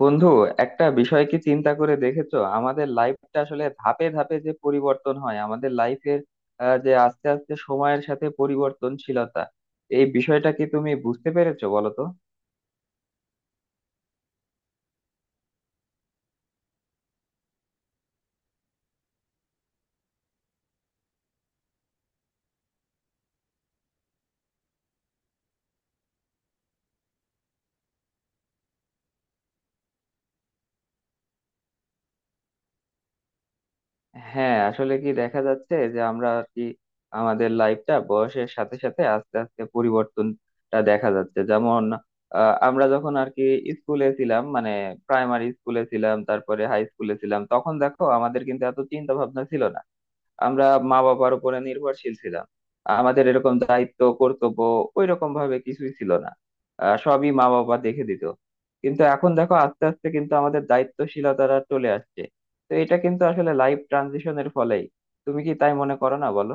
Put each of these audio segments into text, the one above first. বন্ধু, একটা বিষয় কি চিন্তা করে দেখেছো, আমাদের লাইফটা আসলে ধাপে ধাপে যে পরিবর্তন হয় আমাদের লাইফের, যে আস্তে আস্তে সময়ের সাথে পরিবর্তনশীলতা। এই বিষয়টা কি তুমি বুঝতে পেরেছো বলো তো? হ্যাঁ, আসলে কি দেখা যাচ্ছে যে আমরা আর কি আমাদের লাইফটা বয়সের সাথে সাথে আস্তে আস্তে পরিবর্তনটা দেখা যাচ্ছে। যেমন আমরা যখন আর কি স্কুলে ছিলাম, মানে প্রাইমারি স্কুলে ছিলাম, তারপরে হাই স্কুলে ছিলাম, তখন দেখো আমাদের কিন্তু এত চিন্তা ভাবনা ছিল না। আমরা মা বাবার উপরে নির্ভরশীল ছিলাম। আমাদের এরকম দায়িত্ব কর্তব্য ওই রকম ভাবে কিছুই ছিল না। সবই মা বাবা দেখে দিত। কিন্তু এখন দেখো আস্তে আস্তে কিন্তু আমাদের দায়িত্বশীলতাটা চলে আসছে। তো এটা কিন্তু আসলে লাইফ ট্রানজিশনের ফলেই। তুমি কি তাই মনে করো না বলো?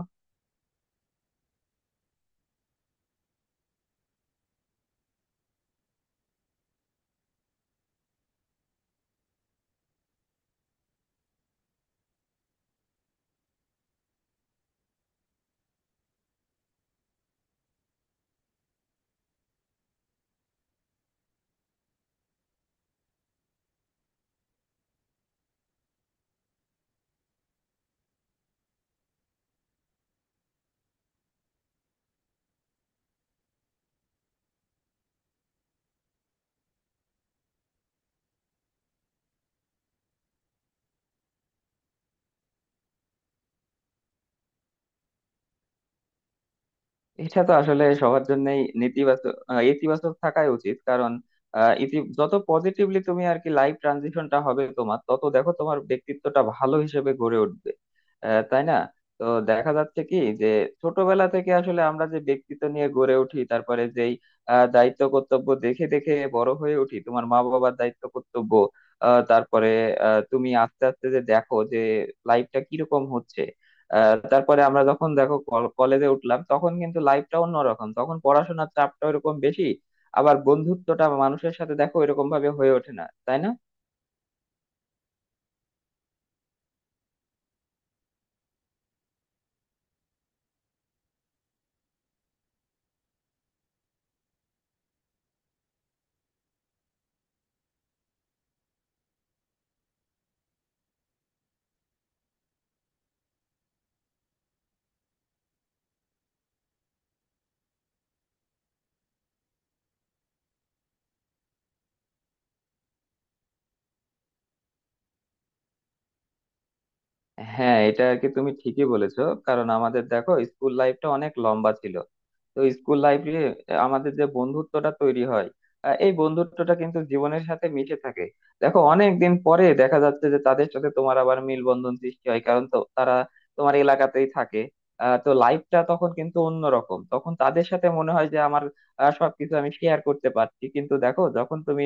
এটা তো আসলে সবার জন্যই নেতিবাচক ইতিবাচক থাকাই উচিত। কারণ ইতি যত পজিটিভলি তুমি আর কি লাইফ ট্রানজিশনটা হবে তোমার, তত দেখো তোমার ব্যক্তিত্বটা ভালো হিসেবে গড়ে উঠবে। তাই না? তো দেখা যাচ্ছে কি যে ছোটবেলা থেকে আসলে আমরা যে ব্যক্তিত্ব নিয়ে গড়ে উঠি, তারপরে যেই দায়িত্ব কর্তব্য দেখে দেখে বড় হয়ে উঠি, তোমার মা বাবার দায়িত্ব কর্তব্য, আহ, তারপরে তুমি আস্তে আস্তে যে দেখো যে লাইফটা কিরকম হচ্ছে। তারপরে আমরা যখন দেখো কলেজে উঠলাম, তখন কিন্তু লাইফটা অন্যরকম। তখন পড়াশোনার চাপটা ওরকম বেশি। আবার বন্ধুত্বটা মানুষের সাথে দেখো এরকম ভাবে হয়ে ওঠে না, তাই না? হ্যাঁ, এটা আর কি তুমি ঠিকই বলেছো। কারণ আমাদের দেখো স্কুল লাইফটা অনেক লম্বা ছিল। তো স্কুল লাইফে আমাদের যে বন্ধুত্বটা তৈরি হয়, এই বন্ধুত্বটা কিন্তু জীবনের সাথে মিশে থাকে। দেখো অনেক দিন পরে দেখা যাচ্ছে যে তাদের সাথে তোমার আবার মিলবন্ধন সৃষ্টি হয়, কারণ তো তারা তোমার এলাকাতেই থাকে। তো লাইফটা তখন কিন্তু অন্যরকম। তখন তাদের সাথে মনে হয় যে আমার সবকিছু আমি শেয়ার করতে পারছি। কিন্তু দেখো যখন তুমি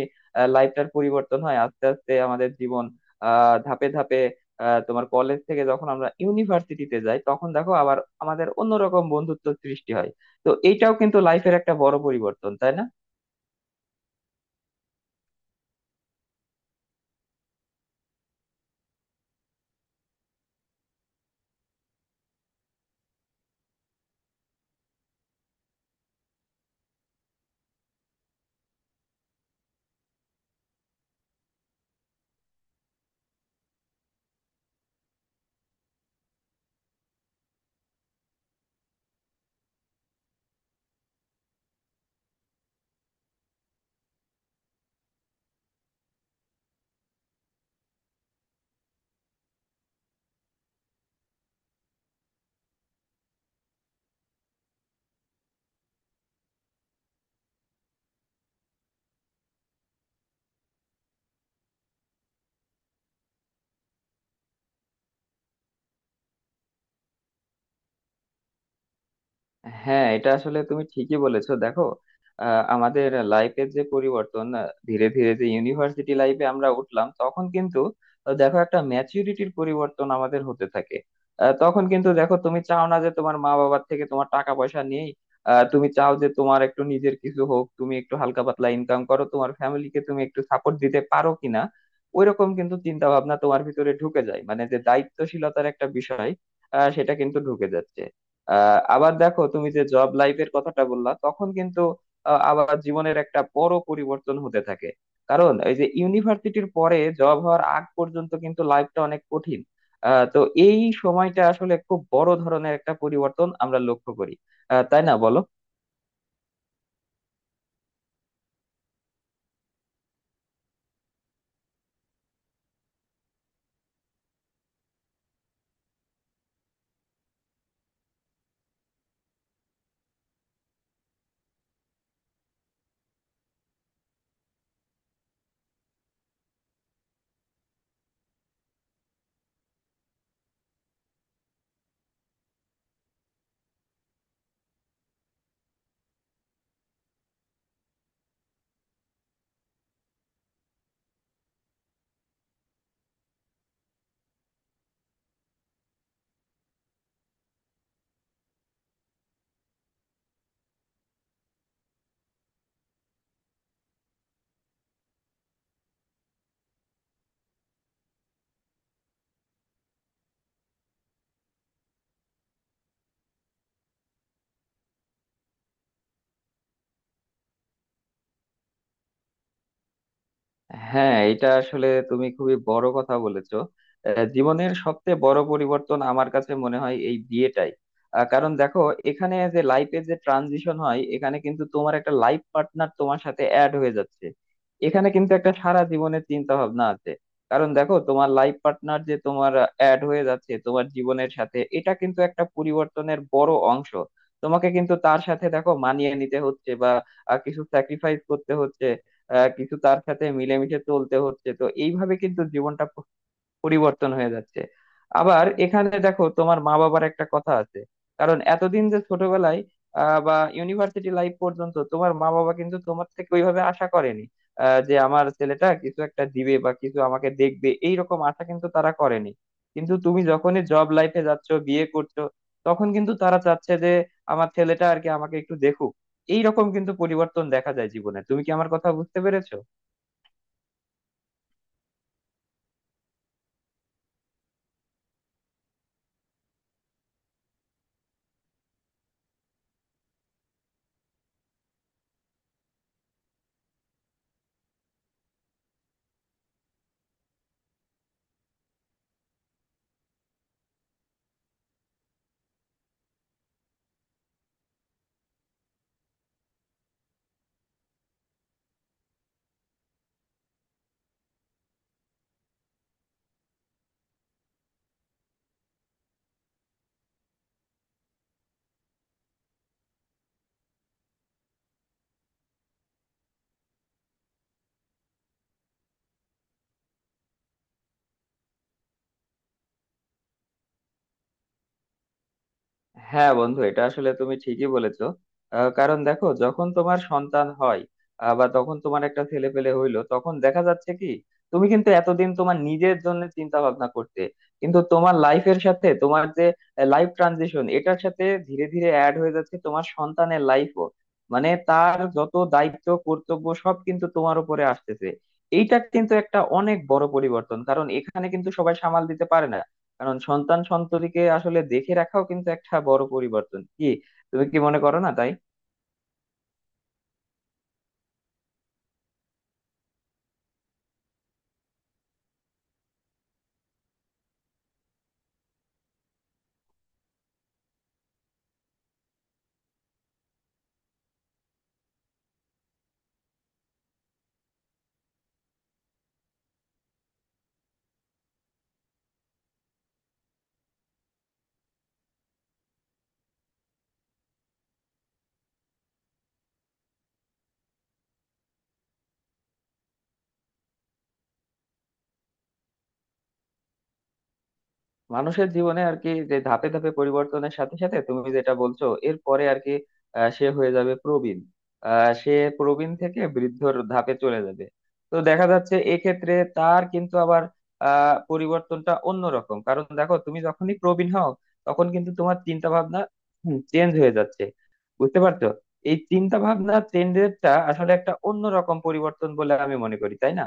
লাইফটার পরিবর্তন হয় আস্তে আস্তে আমাদের জীবন ধাপে ধাপে, তোমার কলেজ থেকে যখন আমরা ইউনিভার্সিটিতে যাই, তখন দেখো আবার আমাদের অন্যরকম বন্ধুত্ব সৃষ্টি হয়। তো এইটাও কিন্তু লাইফের একটা বড় পরিবর্তন, তাই না? হ্যাঁ, এটা আসলে তুমি ঠিকই বলেছো। দেখো আমাদের লাইফের যে পরিবর্তন, ধীরে ধীরে যে ইউনিভার্সিটি লাইফে আমরা উঠলাম, তখন কিন্তু দেখো একটা ম্যাচুরিটির পরিবর্তন আমাদের হতে থাকে। তখন কিন্তু দেখো তুমি চাও না যে তোমার মা বাবার থেকে তোমার টাকা পয়সা নিয়েই তুমি চাও যে তোমার একটু নিজের কিছু হোক, তুমি একটু হালকা পাতলা ইনকাম করো, তোমার ফ্যামিলিকে তুমি একটু সাপোর্ট দিতে পারো কিনা। ওইরকম কিন্তু চিন্তা ভাবনা তোমার ভিতরে ঢুকে যায়, মানে যে দায়িত্বশীলতার একটা বিষয়, সেটা কিন্তু ঢুকে যাচ্ছে। আবার দেখো তুমি যে জব লাইফের কথাটা বললা, তখন কিন্তু আবার জীবনের একটা বড় পরিবর্তন হতে থাকে। কারণ এই যে ইউনিভার্সিটির পরে জব হওয়ার আগ পর্যন্ত কিন্তু লাইফটা অনেক কঠিন। তো এই সময়টা আসলে খুব বড় ধরনের একটা পরিবর্তন আমরা লক্ষ্য করি। তাই না বলো? হ্যাঁ, এটা আসলে তুমি খুবই বড় কথা বলেছো। জীবনের সবচেয়ে বড় পরিবর্তন আমার কাছে মনে হয় এই বিয়েটাই। কারণ দেখো এখানে যে লাইফে যে ট্রানজিশন হয়, এখানে কিন্তু তোমার একটা লাইফ পার্টনার তোমার সাথে অ্যাড হয়ে যাচ্ছে। এখানে কিন্তু একটা সারা জীবনের চিন্তা ভাবনা আছে। কারণ দেখো তোমার লাইফ পার্টনার যে তোমার অ্যাড হয়ে যাচ্ছে তোমার জীবনের সাথে, এটা কিন্তু একটা পরিবর্তনের বড় অংশ। তোমাকে কিন্তু তার সাথে দেখো মানিয়ে নিতে হচ্ছে, বা কিছু স্যাক্রিফাইস করতে হচ্ছে, কিছু তার সাথে মিলেমিশে চলতে হচ্ছে। তো এইভাবে কিন্তু জীবনটা পরিবর্তন হয়ে যাচ্ছে। আবার এখানে দেখো তোমার মা বাবার একটা কথা আছে। কারণ এতদিন যে ছোটবেলায় বা ইউনিভার্সিটি লাইফ পর্যন্ত তোমার মা বাবা কিন্তু তোমার থেকে ওইভাবে আশা করেনি, যে আমার ছেলেটা কিছু একটা দিবে বা কিছু আমাকে দেখবে, এইরকম আশা কিন্তু তারা করেনি। কিন্তু তুমি যখনই জব লাইফে যাচ্ছ, বিয়ে করছো, তখন কিন্তু তারা চাচ্ছে যে আমার ছেলেটা আর কি আমাকে একটু দেখুক। এইরকম কিন্তু পরিবর্তন দেখা যায় জীবনে। তুমি কি আমার কথা বুঝতে পেরেছো? হ্যাঁ বন্ধু, এটা আসলে তুমি ঠিকই বলেছো। কারণ দেখো যখন তোমার সন্তান হয়, বা তখন তোমার একটা ছেলে পেলে হইলো, তখন দেখা যাচ্ছে কি তুমি কিন্তু এতদিন তোমার নিজের জন্য চিন্তা ভাবনা করতে, কিন্তু তোমার লাইফের সাথে তোমার যে লাইফ ট্রানজিশন এটার সাথে ধীরে ধীরে অ্যাড হয়ে যাচ্ছে তোমার সন্তানের লাইফও। মানে তার যত দায়িত্ব কর্তব্য সব কিন্তু তোমার উপরে আসতেছে। এইটা কিন্তু একটা অনেক বড় পরিবর্তন, কারণ এখানে কিন্তু সবাই সামাল দিতে পারে না। কারণ সন্তান সন্ততিকে আসলে দেখে রাখাও কিন্তু একটা বড় পরিবর্তন কি, তুমি কি মনে করো না তাই? মানুষের জীবনে আর কি যে ধাপে ধাপে পরিবর্তনের সাথে সাথে তুমি যেটা বলছো, এরপরে আর কি সে হয়ে যাবে প্রবীণ। সে প্রবীণ থেকে বৃদ্ধর ধাপে চলে যাবে। তো দেখা যাচ্ছে এক্ষেত্রে তার কিন্তু আবার পরিবর্তনটা অন্যরকম। কারণ দেখো তুমি যখনই প্রবীণ হও, তখন কিন্তু তোমার চিন্তা ভাবনা চেঞ্জ হয়ে যাচ্ছে। বুঝতে পারছো? এই চিন্তা ভাবনা চেঞ্জেরটা আসলে একটা অন্যরকম পরিবর্তন বলে আমি মনে করি, তাই না?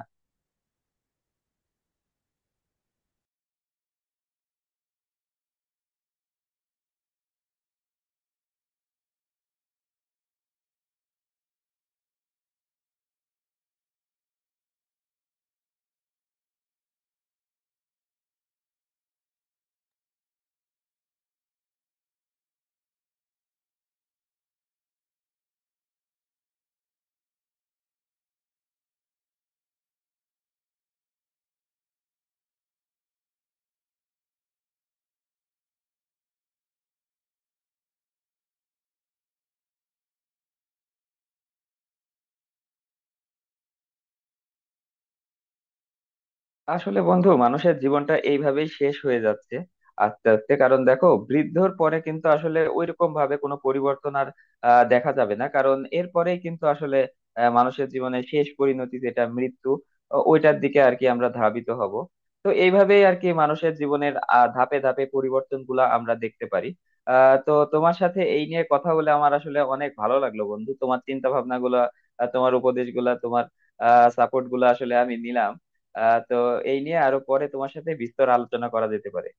আসলে বন্ধু, মানুষের জীবনটা এইভাবেই শেষ হয়ে যাচ্ছে আস্তে আস্তে। কারণ দেখো বৃদ্ধর পরে কিন্তু আসলে ওইরকম ভাবে কোনো পরিবর্তন আর দেখা যাবে না। কারণ এরপরেই কিন্তু আসলে মানুষের জীবনের শেষ পরিণতি যেটা মৃত্যু, ওইটার দিকে আর কি আমরা ধাবিত হব। তো এইভাবেই আর কি মানুষের জীবনের ধাপে ধাপে পরিবর্তন গুলা আমরা দেখতে পারি। তো তোমার সাথে এই নিয়ে কথা বলে আমার আসলে অনেক ভালো লাগলো বন্ধু। তোমার চিন্তা ভাবনা গুলা, তোমার উপদেশ গুলা, তোমার সাপোর্ট গুলা আসলে আমি নিলাম। তো এই নিয়ে আরো পরে তোমার সাথে বিস্তর আলোচনা করা যেতে পারে।